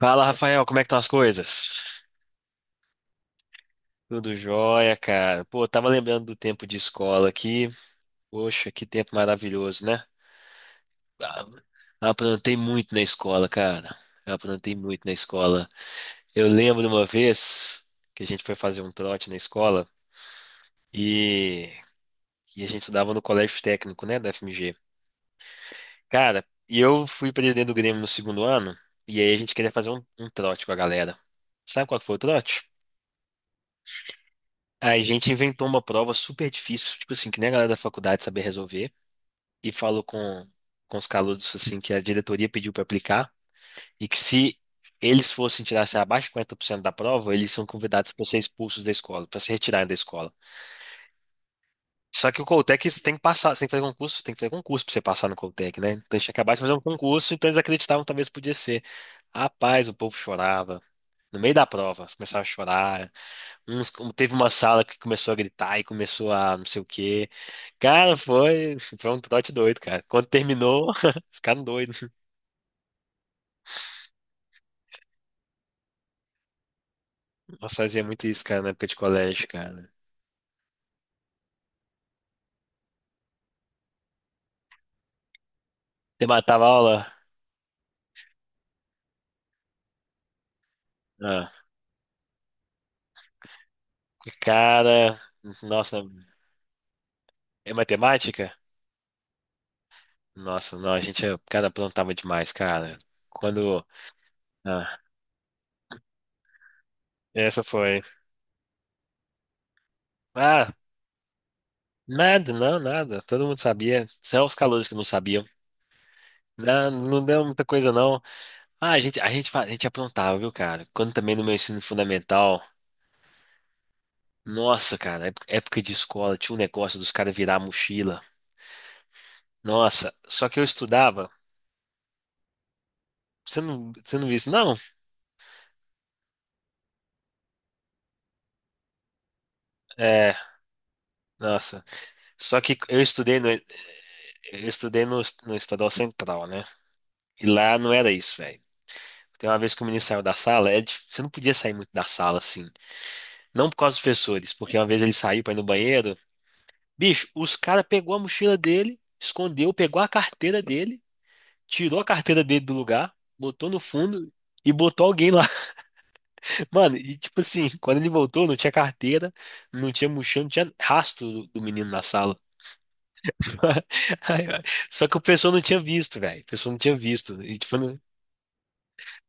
Fala, Rafael, como é que estão as coisas? Tudo jóia, cara. Pô, tava lembrando do tempo de escola aqui. Poxa, que tempo maravilhoso, né? Ah, aprontei muito na escola, cara. Eu aprontei muito na escola. Eu lembro uma vez que a gente foi fazer um trote na escola e, e a gente estudava no colégio técnico, né, da FMG. Cara, e eu fui presidente do Grêmio no segundo ano e aí a gente queria fazer um trote com a galera. Sabe qual que foi o trote? A gente inventou uma prova super difícil, tipo assim, que nem a galera da faculdade sabia resolver, e falou com os calouros, assim, que a diretoria pediu para aplicar, e que se eles fossem tirar, assim, abaixo de 50% da prova, eles são convidados para ser expulsos da escola, para se retirarem da escola. Só que o Coltec você tem que passar, você tem que fazer concurso, tem que fazer concurso para você passar no Coltec, né? Então tinha acabado de fazer um concurso, então eles acreditavam que talvez podia ser. Rapaz, o povo chorava. No meio da prova, eles começavam a chorar. Teve uma sala que começou a gritar e começou a não sei o quê. Cara, foi um trote doido, cara. Quando terminou, ficaram doidos. Nós fazia muito isso, cara, na época de colégio, cara. Você matava a aula? Ah, cara, nossa, é matemática? Nossa, não, cara, plantava demais, cara. Quando, ah, essa foi. Ah, nada, não, nada. Todo mundo sabia. Só os calouros que não sabiam. Não, não deu muita coisa, não. Ah, a gente aprontava, viu, cara? Quando também no meu ensino fundamental, nossa, cara, época de escola, tinha um negócio dos caras virar a mochila. Nossa, só que eu estudava. Você não viu isso, não? É, nossa. Só que eu estudei no, eu estudei no Estadual Central, né? E lá não era isso, velho. Tem uma vez que o menino saiu da sala, você não podia sair muito da sala, assim. Não por causa dos professores, porque uma vez ele saiu pra ir no banheiro. Bicho, os caras pegou a mochila dele, escondeu, pegou a carteira dele. Tirou a carteira dele do lugar, botou no fundo e botou alguém lá. Mano, e tipo assim, quando ele voltou, não tinha carteira, não tinha mochila, não tinha rastro do menino na sala. Aí, ó, só que o pessoal não tinha visto, velho. O pessoal não tinha visto. E tipo, não,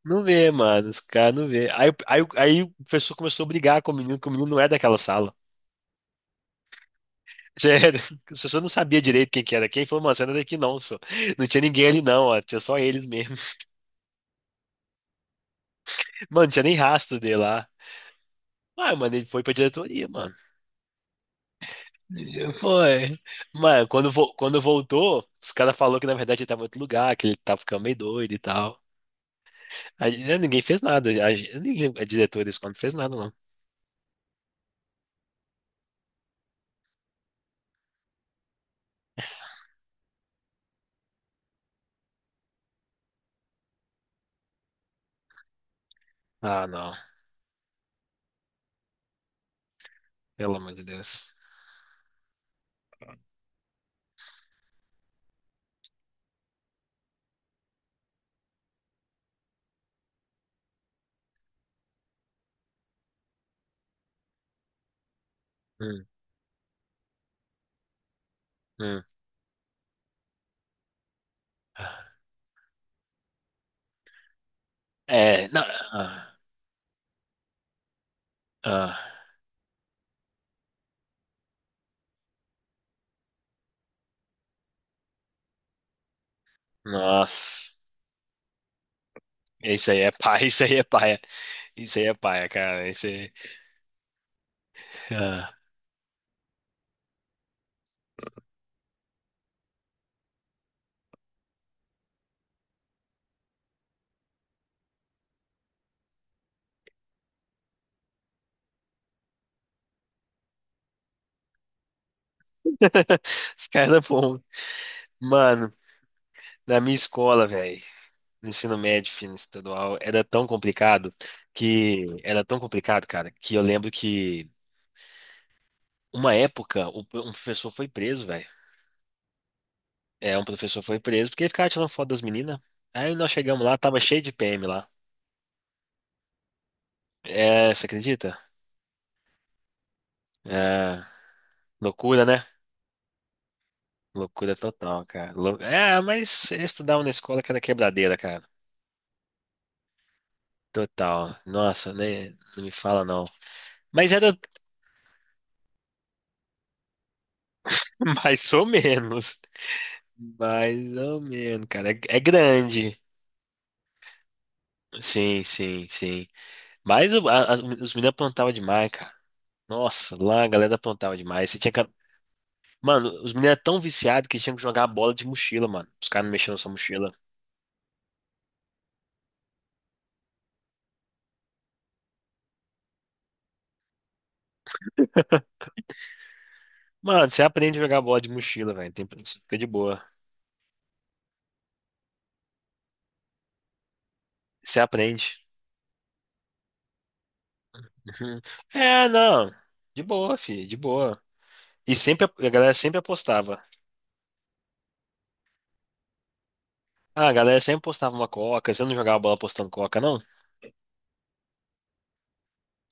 não vê, mano, os caras não vê. Aí o pessoal começou a brigar com o menino, que o menino não é daquela sala. Sério, o pessoal não sabia direito quem que era quem, falou, mano, você não é daqui não, só. Não tinha ninguém ali não, ó, tinha só eles mesmo. Mano, não tinha nem rastro dele lá. Ah, mano, ele foi pra diretoria, mano. Foi. Mas quando voltou, os caras falaram que na verdade ele tava em outro lugar, que ele tava ficando meio doido e tal. Aí, né, ninguém fez nada. A diretora da escola não fez nada, não. Ah, não. Pelo amor de Deus. Hum, hum. É, não. ah, ah. Nossa. Isso aí é paia, isso aí é paia. Isso aí é paia, cara. Isso aí. Ah. Os caras, pô. Mano, na minha escola, velho. Do ensino médio, ensino estadual, era tão complicado que era tão complicado, cara, que eu lembro que uma época um professor foi preso, velho. É, um professor foi preso porque ele ficava tirando foto das meninas. Aí nós chegamos lá, tava cheio de PM lá. É, você acredita? É, loucura, né? Loucura total, cara. É, mas eu estudava na escola que era quebradeira, cara. Total. Nossa, né? Não me fala não. Mas era mais ou menos. Mais ou menos, cara. É, é grande. Sim, sim, sim. Os meninos plantavam demais, cara. Nossa, lá a galera plantava demais. Você tinha que... Mano, os meninos eram tão viciados que tinham que jogar bola de mochila, mano. Os caras não mexiam na sua mochila. Mano, você aprende a jogar bola de mochila, velho. Tem... Você fica de boa. Você aprende. Uhum. É, não. De boa, filho, de boa. E sempre a galera sempre apostava. Ah, a galera sempre apostava uma coca. Você não jogava bola apostando coca, não?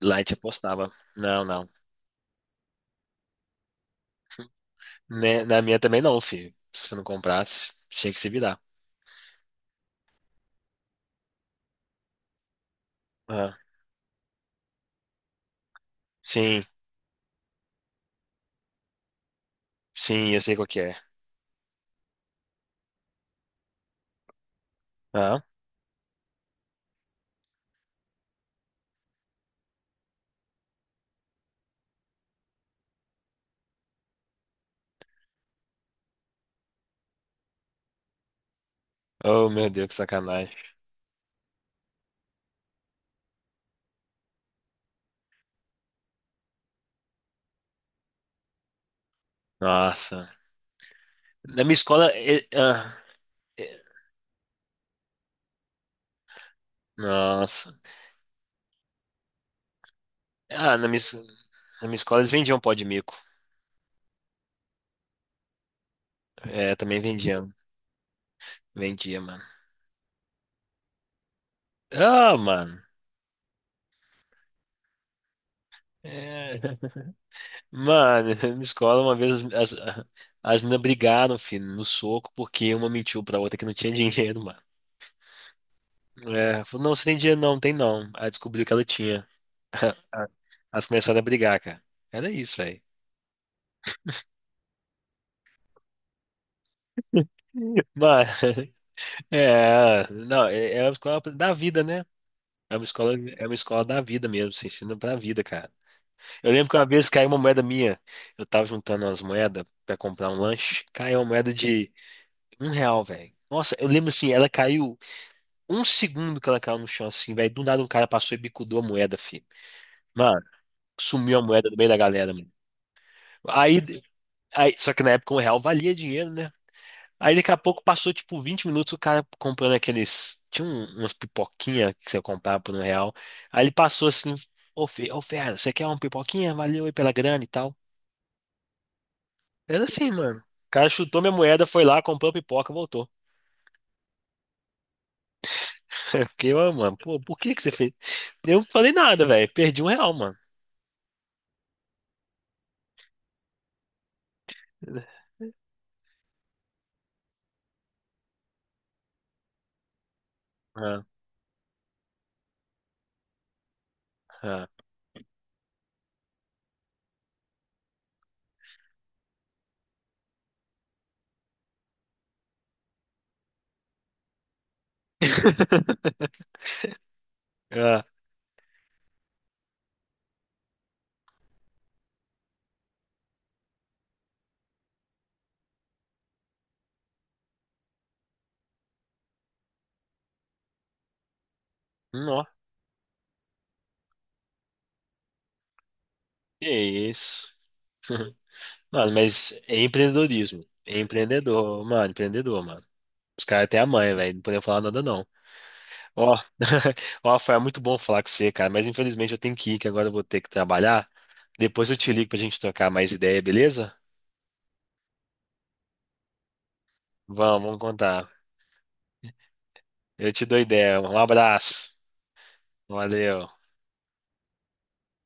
Lá a gente apostava. Não, não. Né, na minha também não, filho. Se você não comprasse, tinha que se virar. Ah, sim, sim, eu sei qual que é. Ah, oh meu Deus, que sacanagem. Nossa. Na minha escola. Eh, nossa. Ah, na minha escola eles vendiam pó de mico. É, também vendiam. Vendia, mano. Ah, mano. É. Mano, na minha escola uma vez as meninas brigaram, filho, no soco, porque uma mentiu pra outra que não tinha dinheiro, mano. É, falou, não, você tem dinheiro não, tem não. Aí descobriu que ela tinha. Ah, elas começaram a brigar, cara. Era isso, velho. Mas, é, não, é, é uma escola da vida, né? É uma escola da vida mesmo, você ensina pra vida, cara. Eu lembro que uma vez caiu uma moeda minha, eu tava juntando umas moedas pra comprar um lanche, caiu uma moeda de um real, velho. Nossa, eu lembro assim, ela caiu um segundo que ela caiu no chão, assim, velho. Do nada um cara passou e bicudou a moeda, filho. Mano, sumiu a moeda no meio da galera, mano. Aí, só que na época um real valia dinheiro, né? Aí daqui a pouco passou tipo 20 minutos o cara comprando aqueles. Tinha umas pipoquinhas que você comprava por um real. Aí ele passou assim: Ô, fera, você quer uma pipoquinha? Valeu aí pela grana e tal. Era assim, mano. O cara chutou minha moeda, foi lá, comprou a pipoca, voltou. Eu fiquei, ô, mano, pô, por que que você fez? Eu não falei nada, velho. Perdi um real, mano. Ah, ah, ah. Nó, que isso. Mano, mas é empreendedorismo. É empreendedor, mano, empreendedor, mano. Os caras até a mãe, velho. Não podia falar nada, não. Ó, ó, foi muito bom falar com você, cara. Mas infelizmente eu tenho que ir, que agora eu vou ter que trabalhar. Depois eu te ligo pra gente trocar mais ideia, beleza? Vamos, vamos contar. Eu te dou ideia. Um abraço. Valeu.